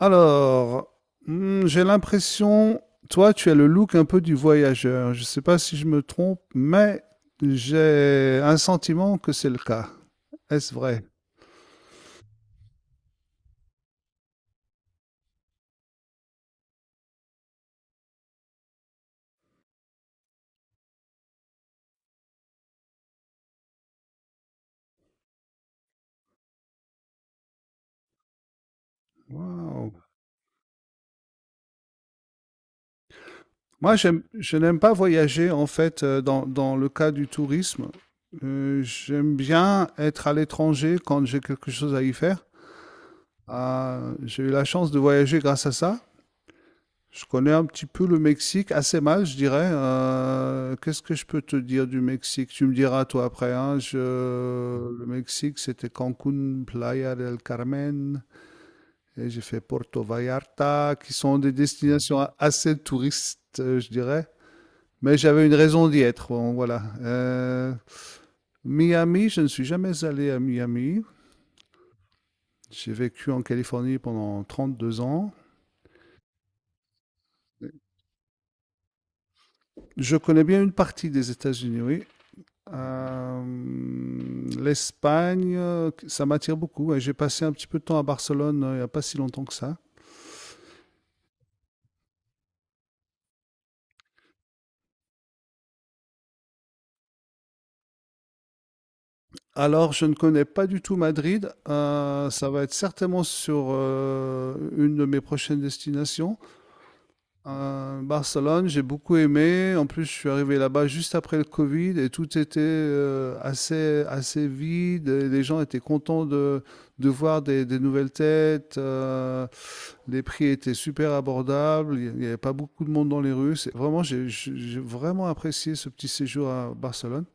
Alors, j'ai l'impression, toi, tu as le look un peu du voyageur. Je ne sais pas si je me trompe, mais j'ai un sentiment que c'est le cas. Est-ce vrai? Waouh. Moi, je n'aime pas voyager, en fait, dans le cas du tourisme. J'aime bien être à l'étranger quand j'ai quelque chose à y faire. Ah, j'ai eu la chance de voyager grâce à ça. Je connais un petit peu le Mexique, assez mal, je dirais. Qu'est-ce que je peux te dire du Mexique? Tu me diras, toi, après. Hein. Le Mexique, c'était Cancun, Playa del Carmen, et j'ai fait Porto Vallarta, qui sont des destinations assez touristes, je dirais. Mais j'avais une raison d'y être, bon, voilà. Miami, je ne suis jamais allé à Miami. J'ai vécu en Californie pendant 32 ans. Je connais bien une partie des États-Unis, oui. Euh, L'Espagne, ça m'attire beaucoup. Ouais. J'ai passé un petit peu de temps à Barcelone il n'y a pas si longtemps que ça. Alors, je ne connais pas du tout Madrid. Ça va être certainement sur une de mes prochaines destinations. Barcelone, j'ai beaucoup aimé. En plus, je suis arrivé là-bas juste après le Covid et tout était assez vide. Et les gens étaient contents de voir des nouvelles têtes. Les prix étaient super abordables. Il n'y avait pas beaucoup de monde dans les rues. Vraiment, j'ai vraiment apprécié ce petit séjour à Barcelone.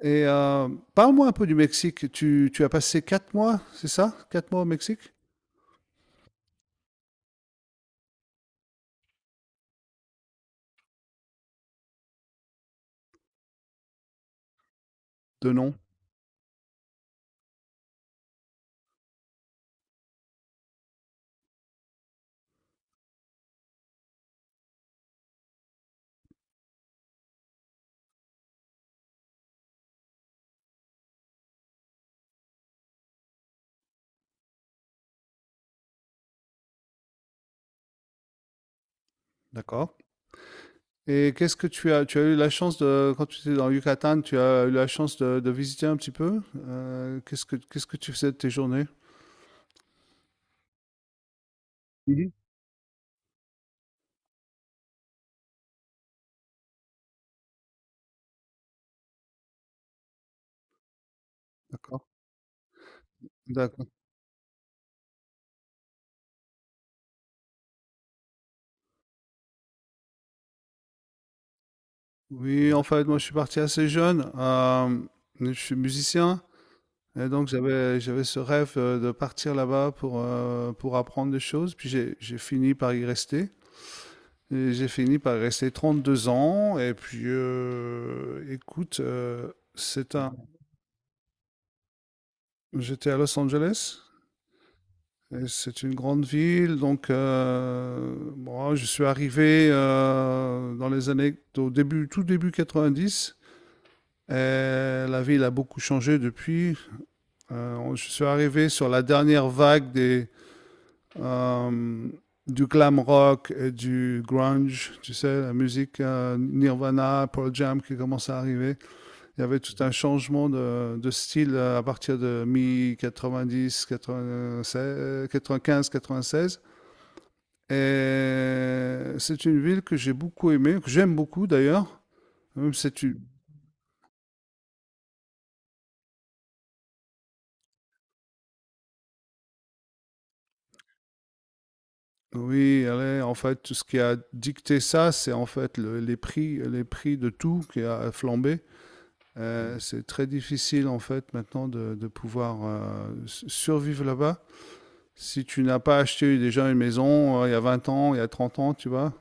Et parle-moi un peu du Mexique. Tu as passé 4 mois, c'est ça? 4 mois au Mexique? De non, d'accord. Et qu'est-ce que tu as eu la chance de, quand tu étais dans le Yucatan, tu as eu la chance de visiter un petit peu? Qu'est-ce que tu faisais de tes journées? Mhm. D'accord, d'accord. Oui, en fait, moi, je suis parti assez jeune. Je suis musicien. Et donc, j'avais ce rêve de partir là-bas pour apprendre des choses. Puis, j'ai fini par y rester. Et j'ai fini par y rester 32 ans. Et puis, écoute, c'est un. J'étais à Los Angeles. Et c'est une grande ville, donc moi, je suis arrivé dans les années, au début, tout début 90. Et la ville a beaucoup changé depuis. Je suis arrivé sur la dernière vague des, euh, du glam rock et du grunge, tu sais, la musique Nirvana, Pearl Jam qui commence à arriver. Il y avait tout un changement de style à partir de mi quinze quatre-vingt seize. Et c'est une ville que j'ai beaucoup aimée, que j'aime beaucoup d'ailleurs. Même c'est une. Oui, elle est, en fait, tout ce qui a dicté ça, c'est en fait les prix, de tout qui a flambé. C'est très difficile en fait maintenant de pouvoir survivre là-bas. Si tu n'as pas acheté déjà une maison il y a 20 ans, il y a 30 ans, tu vois,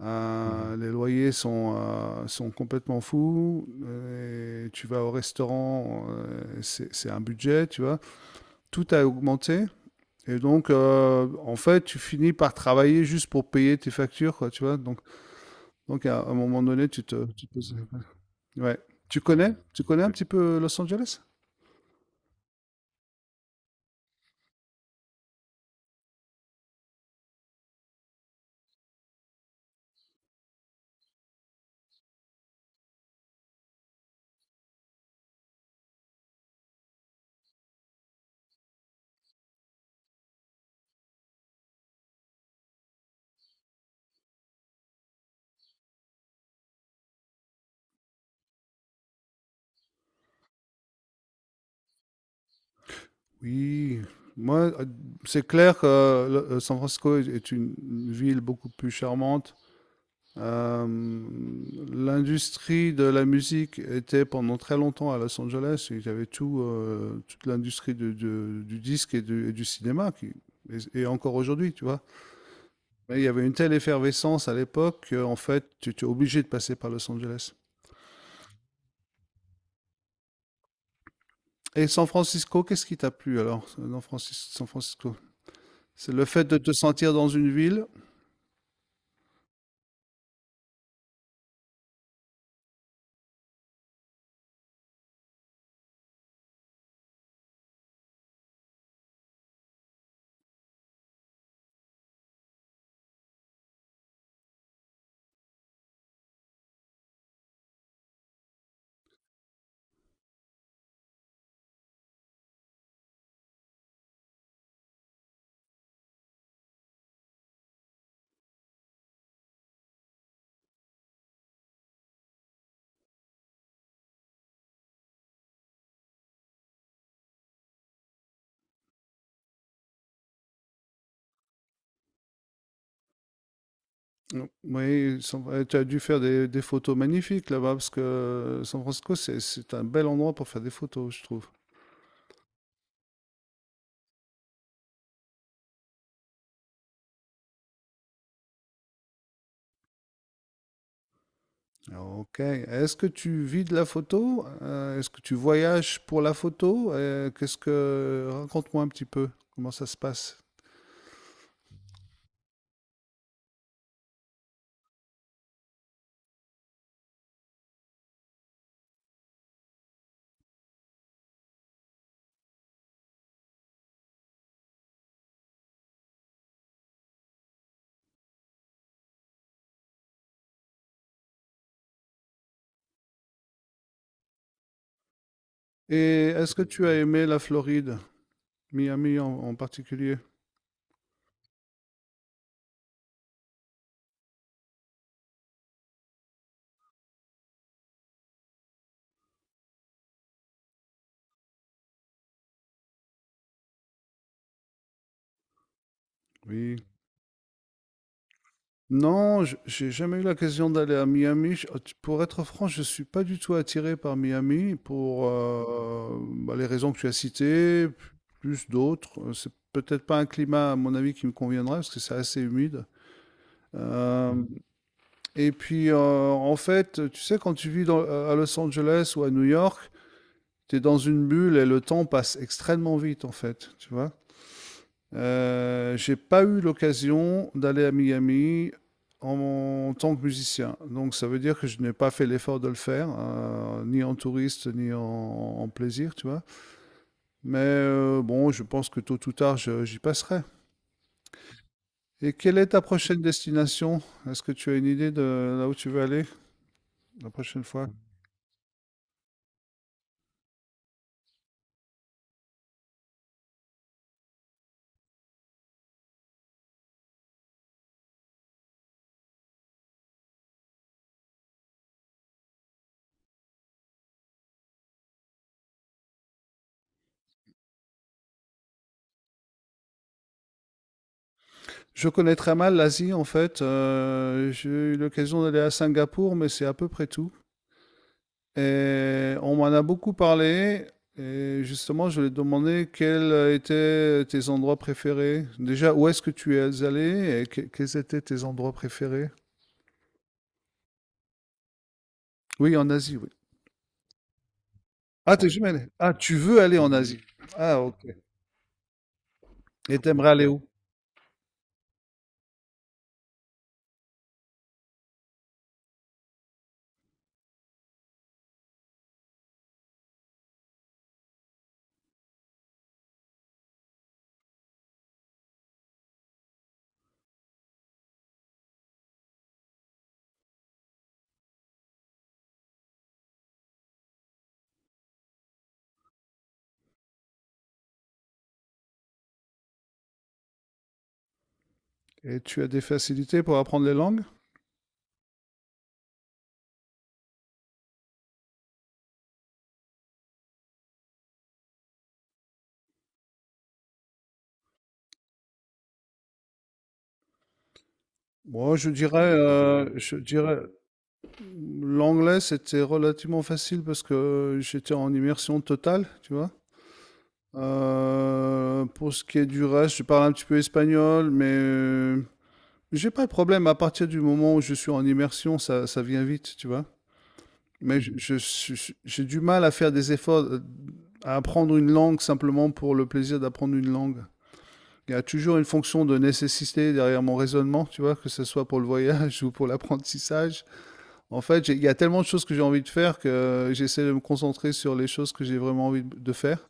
les loyers sont complètement fous. Et tu vas au restaurant, c'est un budget, tu vois. Tout a augmenté. Et donc, en fait, tu finis par travailler juste pour payer tes factures, quoi, tu vois. donc à un moment donné, tu te poses- Ouais. Tu connais un petit peu Los Angeles? Oui. Moi, c'est clair que San Francisco est une ville beaucoup plus charmante. Euh, l'industrie de la musique était pendant très longtemps à Los Angeles. Il y avait tout, toute l'industrie du disque et du cinéma qui, et encore aujourd'hui, tu vois. Mais il y avait une telle effervescence à l'époque qu'en fait, tu étais obligé de passer par Los Angeles. Et San Francisco, qu'est-ce qui t'a plu alors, dans San Francisco? C'est le fait de te sentir dans une ville. Oui, tu as dû faire des photos magnifiques là-bas, parce que San Francisco, c'est un bel endroit pour faire des photos, je trouve. Ok. Est-ce que tu vis de la photo? Est-ce que tu voyages pour la photo? Raconte-moi un petit peu comment ça se passe. Et est-ce que tu as aimé la Floride? Miami en particulier, oui. Non, j'ai jamais eu l'occasion d'aller à Miami. Pour être franc, je suis pas du tout attiré par Miami pour bah, les raisons que tu as citées, plus d'autres. C'est peut-être pas un climat, à mon avis, qui me conviendrait parce que c'est assez humide. Euh, et puis, en fait, tu sais, quand tu vis à Los Angeles ou à New York, tu es dans une bulle et le temps passe extrêmement vite, en fait, tu vois. J'ai pas eu l'occasion d'aller à Miami tant que musicien. Donc ça veut dire que je n'ai pas fait l'effort de le faire, ni en touriste, ni en plaisir, tu vois. Mais bon, je pense que tôt ou tard, j'y passerai. Et quelle est ta prochaine destination? Est-ce que tu as une idée de là où tu veux aller la prochaine fois? Je connais très mal l'Asie en fait. J'ai eu l'occasion d'aller à Singapour, mais c'est à peu près tout. Et on m'en a beaucoup parlé. Et justement, je lui ai demandé quels étaient tes endroits préférés. Déjà, où est-ce que tu es allé et quels étaient tes endroits préférés? Oui, en Asie, oui. Ah, t'es oui, jamais allé. Ah, tu veux aller en Asie. Ah, ok. Et t'aimerais aller où? Et tu as des facilités pour apprendre les langues? Moi, je dirais, l'anglais, c'était relativement facile parce que j'étais en immersion totale, tu vois. Pour ce qui est du reste, je parle un petit peu espagnol, mais j'ai pas de problème. À partir du moment où je suis en immersion, ça vient vite, tu vois. Mais j'ai du mal à faire des efforts, à apprendre une langue simplement pour le plaisir d'apprendre une langue. Il y a toujours une fonction de nécessité derrière mon raisonnement, tu vois, que ce soit pour le voyage ou pour l'apprentissage. En fait, il y a tellement de choses que j'ai envie de faire que j'essaie de me concentrer sur les choses que j'ai vraiment envie de faire.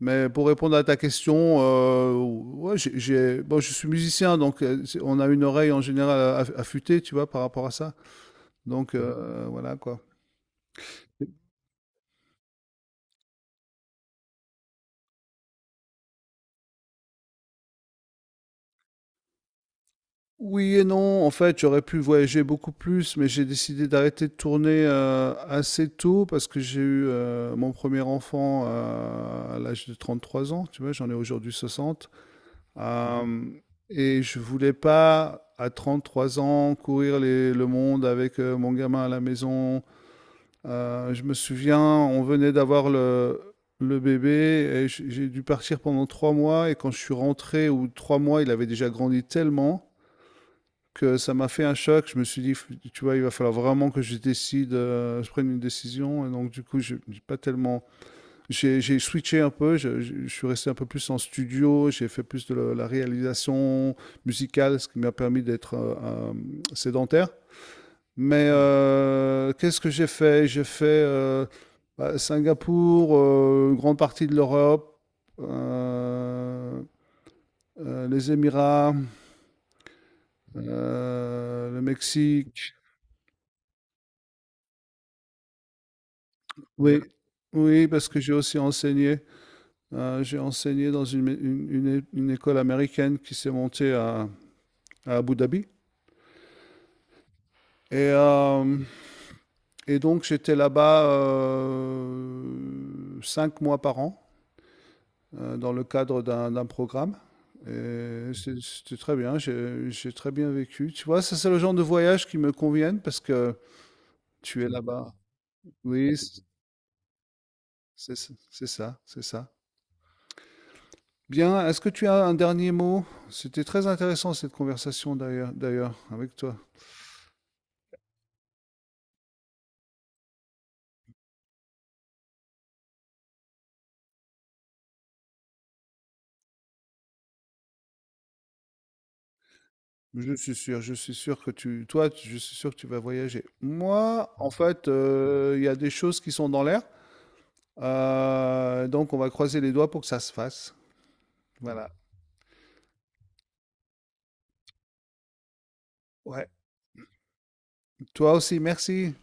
Mais pour répondre à ta question, ouais, bon, je suis musicien, donc on a une oreille en général affûtée, tu vois, par rapport à ça. Donc, Mhm, voilà quoi. Oui et non, en fait, j'aurais pu voyager beaucoup plus, mais j'ai décidé d'arrêter de tourner assez tôt parce que j'ai eu mon premier enfant à l'âge de 33 ans, tu vois, j'en ai aujourd'hui 60. Mhm. Et je voulais pas, à 33 ans, courir le monde avec mon gamin à la maison. Je me souviens, on venait d'avoir le, bébé et j'ai dû partir pendant 3 mois. Et quand je suis rentré, ou 3 mois, il avait déjà grandi tellement que ça m'a fait un choc. Je me suis dit, tu vois, il va falloir vraiment que je décide, je prenne une décision. Et donc, du coup, j'ai pas tellement. J'ai switché un peu. Je suis resté un peu plus en studio. J'ai fait plus de la, réalisation musicale, ce qui m'a permis d'être sédentaire. Mais qu'est-ce que j'ai fait? J'ai fait bah, Singapour, une grande partie de l'Europe, euh, les Émirats, le Mexique. Oui, oui, parce que j'ai aussi enseigné. J'ai enseigné dans une école américaine qui s'est montée à Abu Dhabi. Et, euh, et donc j'étais là-bas 5 mois par an. Dans le cadre d'un programme. Et c'était très bien, j'ai très bien vécu. Tu vois, ça c'est le genre de voyage qui me conviennent parce que tu es là-bas. Oui, c'est ça, c'est ça. C'est ça. Bien, est-ce que tu as un dernier mot? C'était très intéressant cette conversation d'ailleurs, avec toi. Je suis sûr que tu, toi, tu- je suis sûr que tu vas voyager. Moi, en fait, il y a des choses qui sont dans l'air, Donc on va croiser les doigts pour que ça se fasse. Voilà. Ouais. Toi aussi, merci.